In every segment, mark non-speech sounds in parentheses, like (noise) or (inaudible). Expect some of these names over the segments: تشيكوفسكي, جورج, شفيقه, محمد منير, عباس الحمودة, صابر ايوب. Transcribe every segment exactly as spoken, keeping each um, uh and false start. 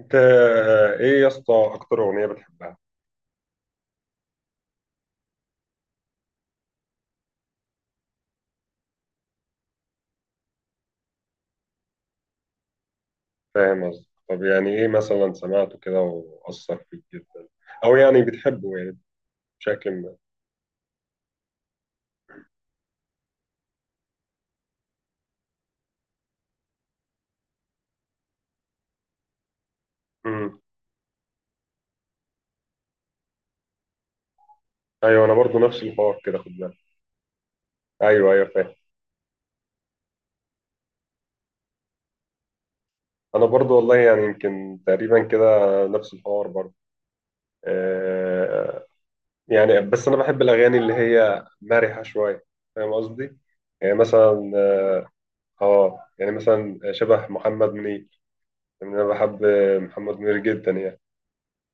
انت ايه يا اسطى، اكتر اغنيه بتحبها؟ فاهم قصدي؟ طب يعني ايه مثلا سمعته كده واثر فيك جدا، او يعني بتحبه يعني بشكل ما. امم ايوه، انا برضو نفس الحوار كده، خد بالك. ايوه ايوه فاهم. انا برضو والله يعني يمكن تقريبا كده نفس الحوار برضو. آه يعني بس انا بحب الاغاني اللي هي مرحه شويه، فاهم قصدي؟ يعني مثلا، اه يعني مثلا شبه محمد منير. يعني انا بحب محمد منير جدا يعني.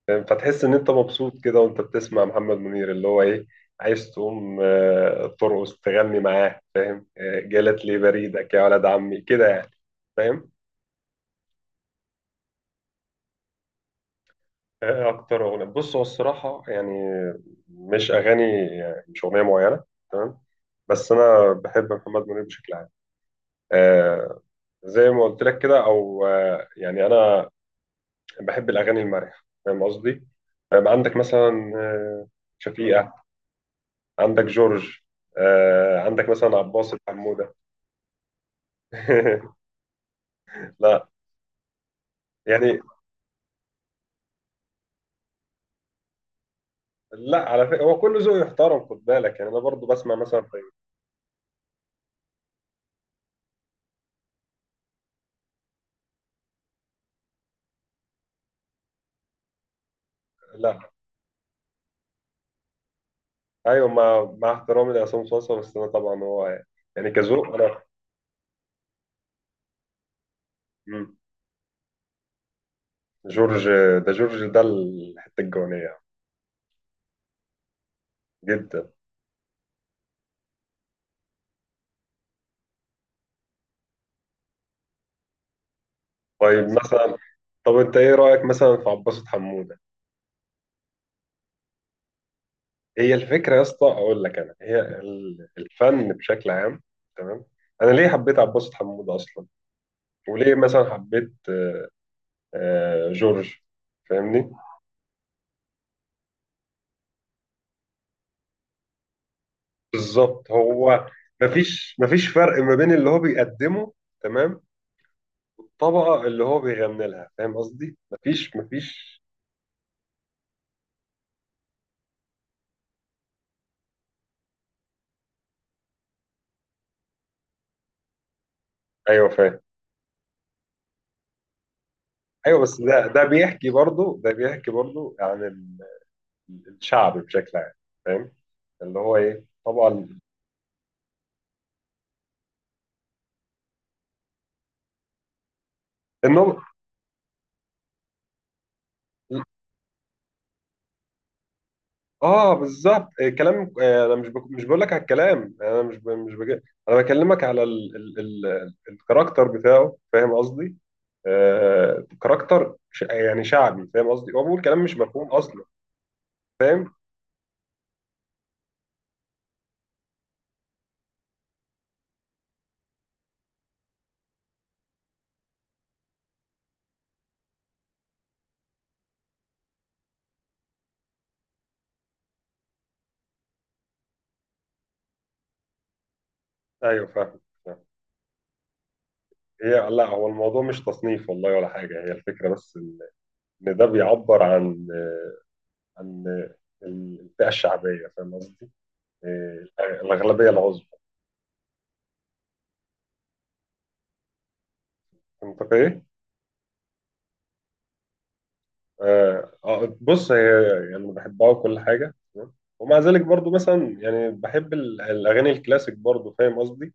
فاهم؟ فتحس ان انت مبسوط كده وانت بتسمع محمد منير، اللي هو ايه، عايز تقوم آه، ترقص تغني معاه، فاهم؟ آه، جالت لي بريدك يا ولد عمي كده يعني. فاهم؟ آه، اكتر اغنيه بص هو الصراحه يعني، مش اغاني، يعني مش اغنيه معينه. تمام. بس انا بحب محمد منير بشكل عام. آه، زي ما قلت لك كده، او آه يعني انا بحب الاغاني المرحه، فاهم قصدي؟ آه، عندك مثلا آه، شفيقه، عندك جورج، آه، عندك مثلا عباس الحمودة. (laughs) لا، يعني لا، على فكرة هو كل ذوق يحترم، خد بالك، يعني انا برضو بسمع مثلا في. لا، ايوه، مع مع احترامي لعصام صاصا، بس انا طبعا هو يعني كذوق انا. مم. جورج. ده جورج ده الحتة الجوانية. جدا. طيب مثلا، طب انت ايه رأيك مثلا في عباس حمودة؟ هي الفكرة يا اسطى، اقول لك، انا هي ال- الفن بشكل عام، تمام؟ انا ليه حبيت عباس حمودة اصلا؟ وليه مثلا حبيت آه جورج؟ فاهمني؟ بالظبط هو. مفيش مفيش فرق ما بين اللي هو بيقدمه، تمام؟ الطبقة اللي هو بيغني لها، فاهم قصدي؟ مفيش مفيش. ايوه فاهم. ايوه بس ده ده بيحكي برضه، ده بيحكي برضه عن ال- الشعب بشكل عام، فاهم؟ اللي هو ايه طبعا. النوبل. اه بالظبط. آه، كلام، آه، انا مش بك... مش بقول لك على الكلام، انا مش ب... مش بك... انا بكلمك على ال... ال... ال... الكاركتر بتاعه، فاهم قصدي؟ آه... كاركتر ش... يعني شعبي، فاهم قصدي؟ هو بيقول كلام مش مفهوم اصلا. فاهم؟ ايوه فاهم. فاهم. هي لا، هو الموضوع مش تصنيف والله ولا حاجه، هي الفكره بس ان ده بيعبر عن عن الفئه الشعبيه، فاهم قصدي؟ آه، الاغلبيه العظمى. منطقيه. آه آه، بص هي يعني بحبها وكل حاجة تمام، ومع ذلك برضو مثلا يعني بحب ال- الأغاني الكلاسيك برضو، فاهم قصدي؟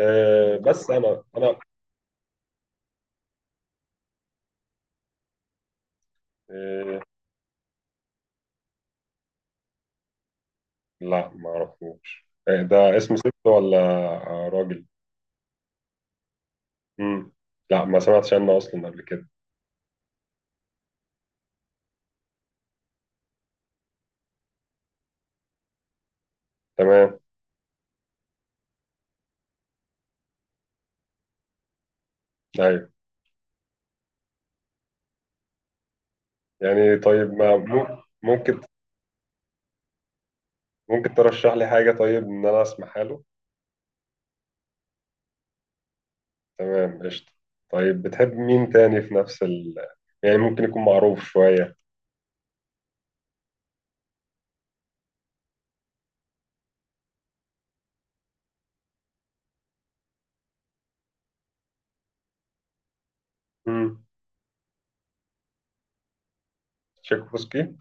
آه بس أنا أنا آه. لا ما أعرفوش. آه ده اسم ست ولا آه، راجل؟ مم. لا ما سمعتش عنه أصلا قبل كده. تمام. أيوه. يعني طيب ما مم- ممكن، ممكن ترشح لي حاجة طيب إن أنا أسمعها له؟ تمام قشطة. طيب بتحب مين تاني في نفس ال، يعني ممكن يكون معروف شوية؟ مم. تشيكوفسكي.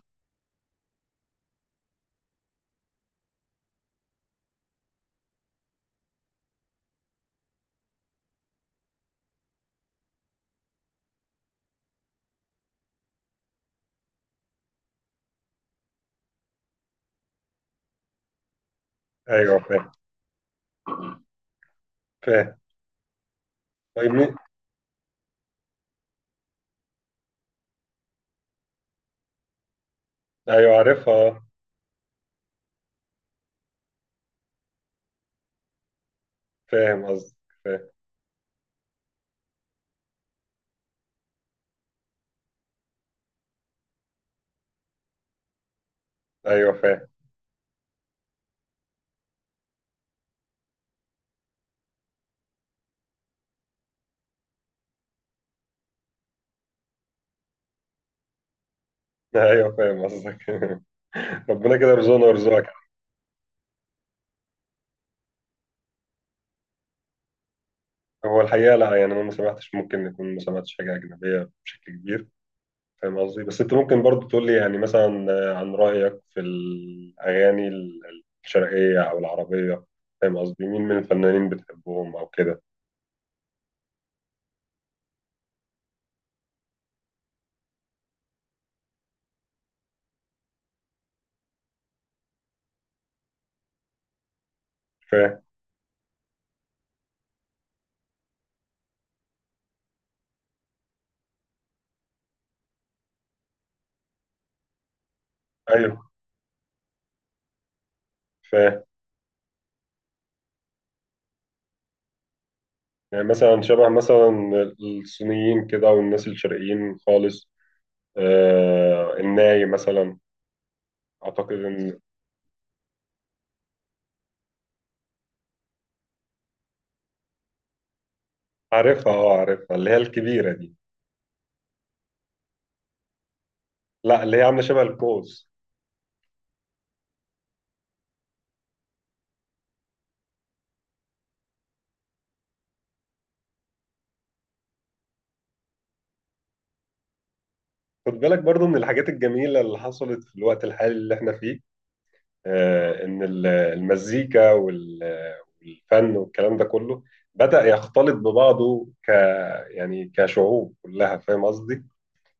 ايوه فاهم. فاهم. طيب مين؟ ايوه عارفها. فاهم قصدك. فاهم. ايوه فاهم. ايوه فاهم قصدك. (laughs) ربنا كده يرزقنا ويرزقك. هو الحقيقه لا، يعني انا ما سمعتش، ممكن يكون ما سمعتش حاجه اجنبيه بشكل كبير، فاهم قصدي؟ بس انت ممكن برضو تقول لي يعني مثلا عن رايك في الاغاني الشرقيه او العربيه، فاهم قصدي؟ مين من الفنانين بتحبهم او كده؟ فاهم؟ ايوه فاهم. يعني مثلا شبه مثلا الصينيين كده والناس الشرقيين خالص. آه الناي مثلا، اعتقد ان، عارفها اه عارفها اللي هي الكبيره دي. لا اللي هي عامله شبه القوس. خد بالك برضو من الحاجات الجميله اللي حصلت في الوقت الحالي اللي احنا فيه، آه ان ال- المزيكا وال- والفن والكلام ده كله بدأ يختلط ببعضه ك، يعني كشعوب كلها، فاهم قصدي؟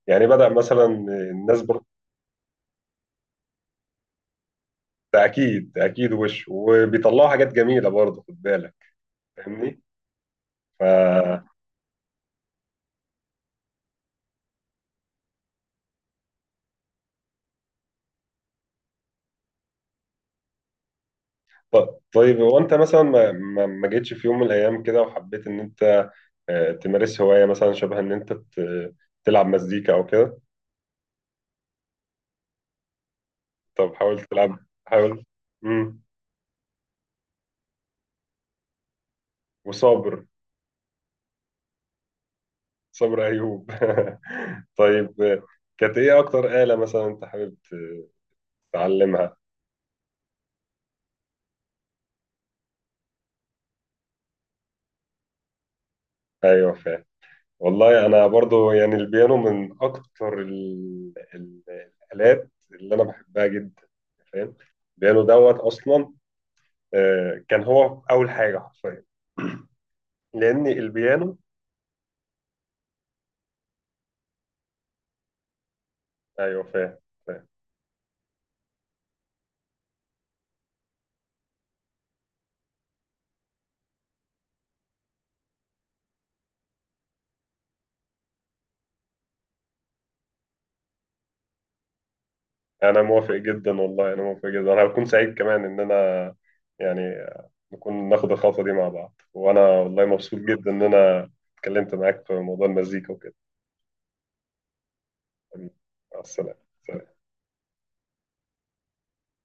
يعني بدأ مثلا الناس بر... ده اكيد اكيد وش، وبيطلعوا حاجات جميله برضو، خد بالك. فاهمني؟ ف، ط- طيب هو انت مثلا ما ما ما جيتش في يوم من الايام كده وحبيت ان انت آه، تمارس هوايه مثلا شبه ان انت ت- تلعب مزيكا او كده؟ طب حاول تلعب، حاول. امم وصابر. صابر ايوب. (laughs) طيب آه، كانت ايه اكتر آلة مثلا انت حابب ت- تتعلمها؟ ايوه فاهم. والله انا برضو يعني البيانو من اكتر ال- ال- الالات اللي انا بحبها جدا، فاهم؟ البيانو دوت اصلا، آه، كان هو اول حاجه حرفيا، لأن البيانو. أيوه فاهم. فاهم. يعني أنا موافق جدا، والله أنا موافق جدا، أنا هكون سعيد كمان إن أنا يعني نكون ناخد الخطوة دي مع بعض، وأنا والله مبسوط جدا إن أنا اتكلمت معاك في موضوع المزيكا وكده. حبيبي، مع السلامة.